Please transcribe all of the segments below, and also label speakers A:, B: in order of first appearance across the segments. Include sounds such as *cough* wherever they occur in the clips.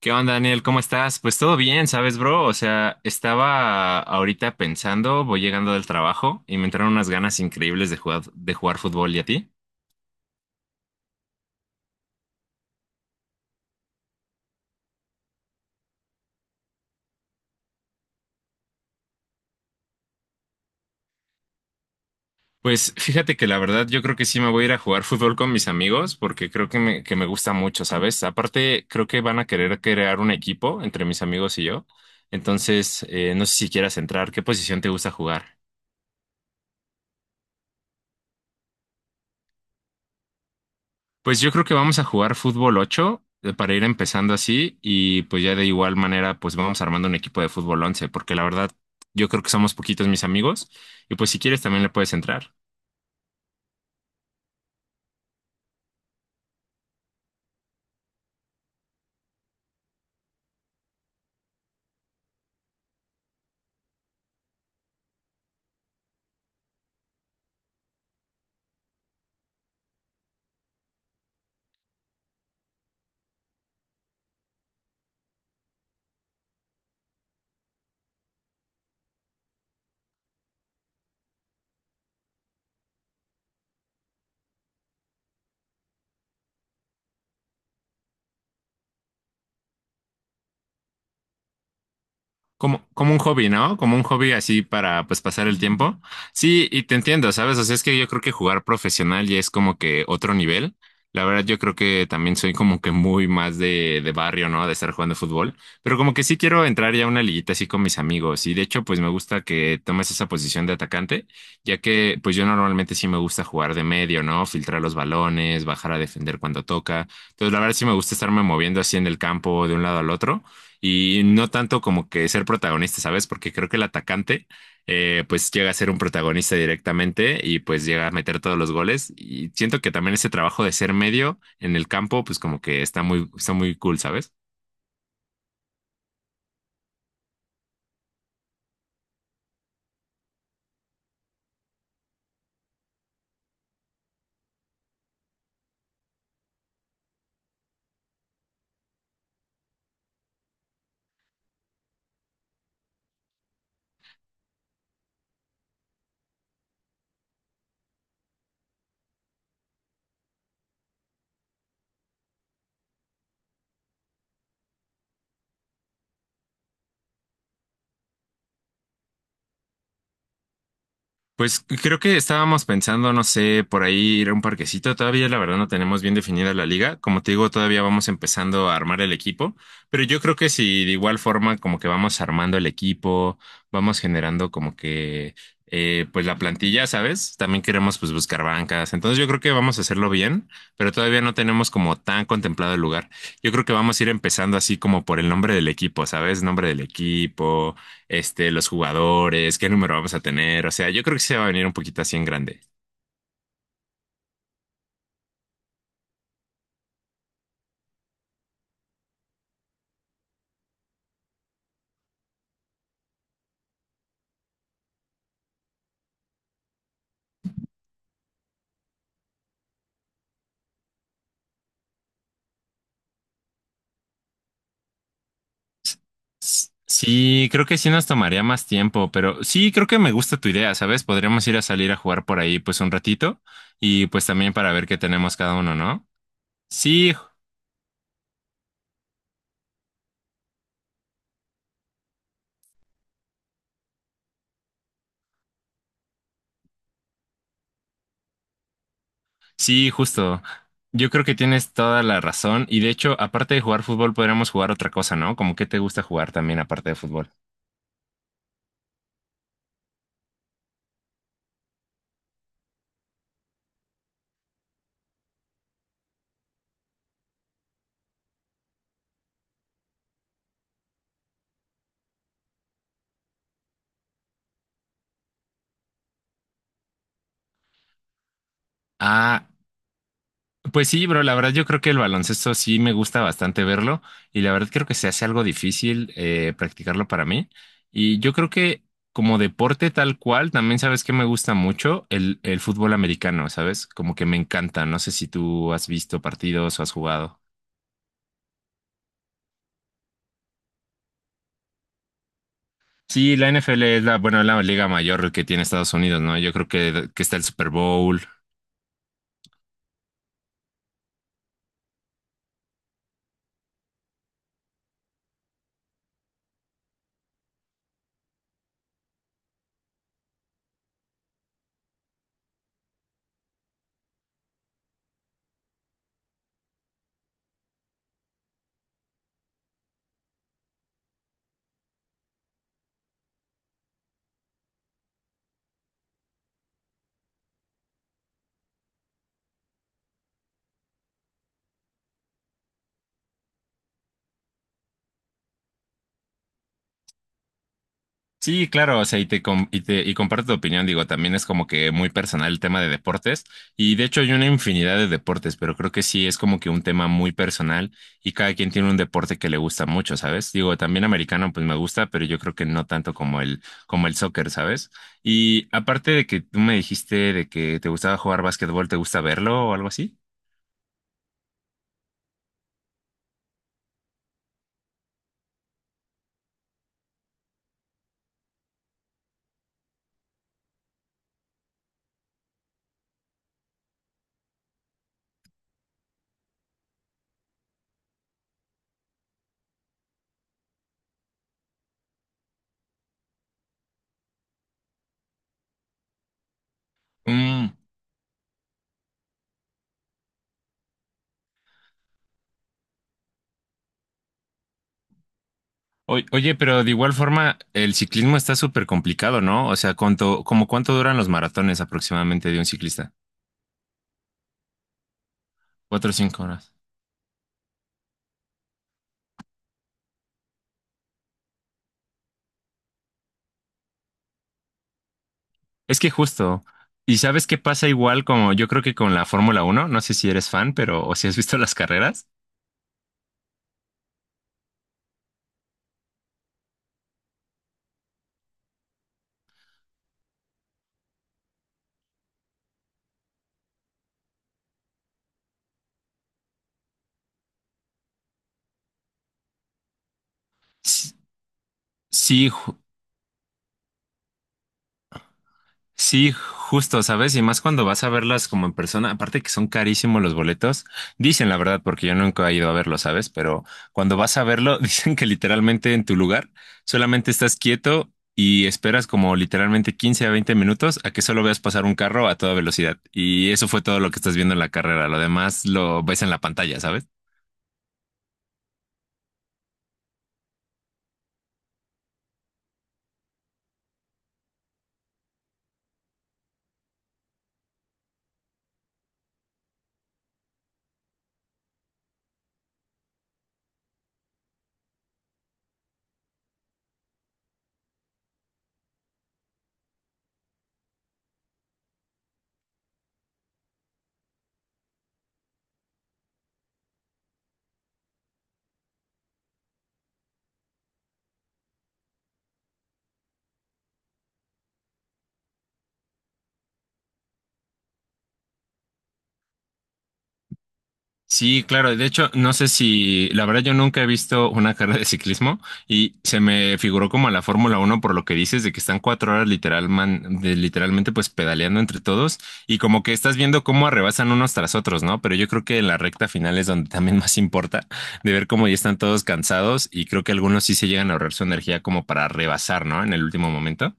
A: ¿Qué onda, Daniel? ¿Cómo estás? Pues todo bien, ¿sabes, bro? O sea, estaba ahorita pensando, voy llegando del trabajo y me entraron unas ganas increíbles de jugar fútbol. ¿Y a ti? Pues fíjate que la verdad yo creo que sí me voy a ir a jugar fútbol con mis amigos porque creo que me gusta mucho, ¿sabes? Aparte, creo que van a querer crear un equipo entre mis amigos y yo. Entonces, no sé si quieras entrar. ¿Qué posición te gusta jugar? Pues yo creo que vamos a jugar fútbol 8 para ir empezando así y pues ya de igual manera pues vamos armando un equipo de fútbol 11 porque la verdad yo creo que somos poquitos mis amigos y pues si quieres también le puedes entrar. Como, como un hobby, ¿no? Como un hobby así para pues pasar el tiempo. Sí, y te entiendo, ¿sabes? O sea, es que yo creo que jugar profesional ya es como que otro nivel. La verdad, yo creo que también soy como que muy más de barrio, ¿no? De estar jugando fútbol. Pero como que sí quiero entrar ya a una liguita así con mis amigos. Y de hecho, pues me gusta que tomes esa posición de atacante, ya que pues yo normalmente sí me gusta jugar de medio, ¿no? Filtrar los balones, bajar a defender cuando toca. Entonces, la verdad sí me gusta estarme moviendo así en el campo de un lado al otro y no tanto como que ser protagonista, ¿sabes? Porque creo que el atacante pues llega a ser un protagonista directamente y pues llega a meter todos los goles y siento que también ese trabajo de ser medio en el campo pues como que está muy cool, ¿sabes? Pues creo que estábamos pensando, no sé, por ahí ir a un parquecito. Todavía la verdad no tenemos bien definida la liga. Como te digo, todavía vamos empezando a armar el equipo, pero yo creo que si de igual forma como que vamos armando el equipo, vamos generando como que pues la plantilla, ¿sabes? También queremos pues buscar bancas. Entonces yo creo que vamos a hacerlo bien, pero todavía no tenemos como tan contemplado el lugar. Yo creo que vamos a ir empezando así como por el nombre del equipo, ¿sabes? Nombre del equipo este, los jugadores, qué número vamos a tener. O sea, yo creo que se va a venir un poquito así en grande. Sí, creo que sí nos tomaría más tiempo, pero sí, creo que me gusta tu idea, ¿sabes? Podríamos ir a salir a jugar por ahí pues un ratito y pues también para ver qué tenemos cada uno, ¿no? Sí, ju- sí, justo. Yo creo que tienes toda la razón y de hecho, aparte de jugar fútbol, podríamos jugar otra cosa, ¿no? Como que te gusta jugar también aparte de fútbol. Ah. Pues sí, bro, la verdad yo creo que el baloncesto sí me gusta bastante verlo y la verdad creo que se hace algo difícil practicarlo para mí. Y yo creo que como deporte tal cual, también sabes que me gusta mucho el fútbol americano, ¿sabes? Como que me encanta. No sé si tú has visto partidos o has jugado. Sí, la NFL es la, bueno, la liga mayor que tiene Estados Unidos, ¿no? Yo creo que está el Super Bowl. Sí, claro, o sea, y te, com- y te- y comparto tu opinión, digo, también es como que muy personal el tema de deportes y de hecho hay una infinidad de deportes, pero creo que sí es como que un tema muy personal y cada quien tiene un deporte que le gusta mucho, ¿sabes? Digo, también americano pues me gusta, pero yo creo que no tanto como el soccer, ¿sabes? Y aparte de que tú me dijiste de que te gustaba jugar básquetbol, ¿te gusta verlo o algo así? Mm, Oye, pero de igual forma, el ciclismo está súper complicado, ¿no? O sea, ¿cuánto, como cuánto duran los maratones aproximadamente de un ciclista? 4 o 5 horas. Es que justo. ¿Y sabes qué pasa igual como yo creo que con la Fórmula 1? No sé si eres fan, pero o si has visto las carreras. S- Sí, ju- Sí, justo, ¿sabes? Y más cuando vas a verlas como en persona, aparte que son carísimos los boletos, dicen la verdad, porque yo nunca he ido a verlo, ¿sabes? Pero cuando vas a verlo, *laughs* dicen que literalmente en tu lugar solamente estás quieto y esperas como literalmente 15 a 20 minutos a que solo veas pasar un carro a toda velocidad. Y eso fue todo lo que estás viendo en la carrera, lo demás lo ves en la pantalla, ¿sabes? Sí, claro. De hecho, no sé si, la verdad, yo nunca he visto una carrera de ciclismo y se me figuró como a la Fórmula 1 por lo que dices de que están 4 horas literal, literalmente pues pedaleando entre todos y como que estás viendo cómo arrebasan unos tras otros, ¿no? Pero yo creo que en la recta final es donde también más importa de ver cómo ya están todos cansados y creo que algunos sí se llegan a ahorrar su energía como para rebasar, ¿no? En el último momento.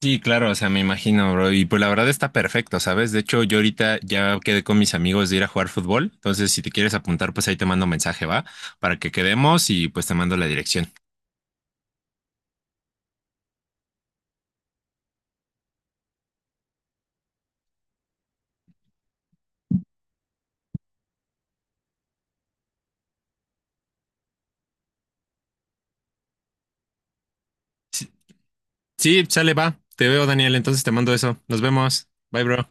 A: Sí, claro, o sea, me imagino, bro. Y pues la verdad está perfecto, ¿sabes? De hecho, yo ahorita ya quedé con mis amigos de ir a jugar fútbol. Entonces, si te quieres apuntar, pues ahí te mando mensaje, ¿va? Para que quedemos y pues te mando la dirección. Sí, sí, sale, va. Te veo, Daniel. Entonces te mando eso. Nos vemos. Bye, bro.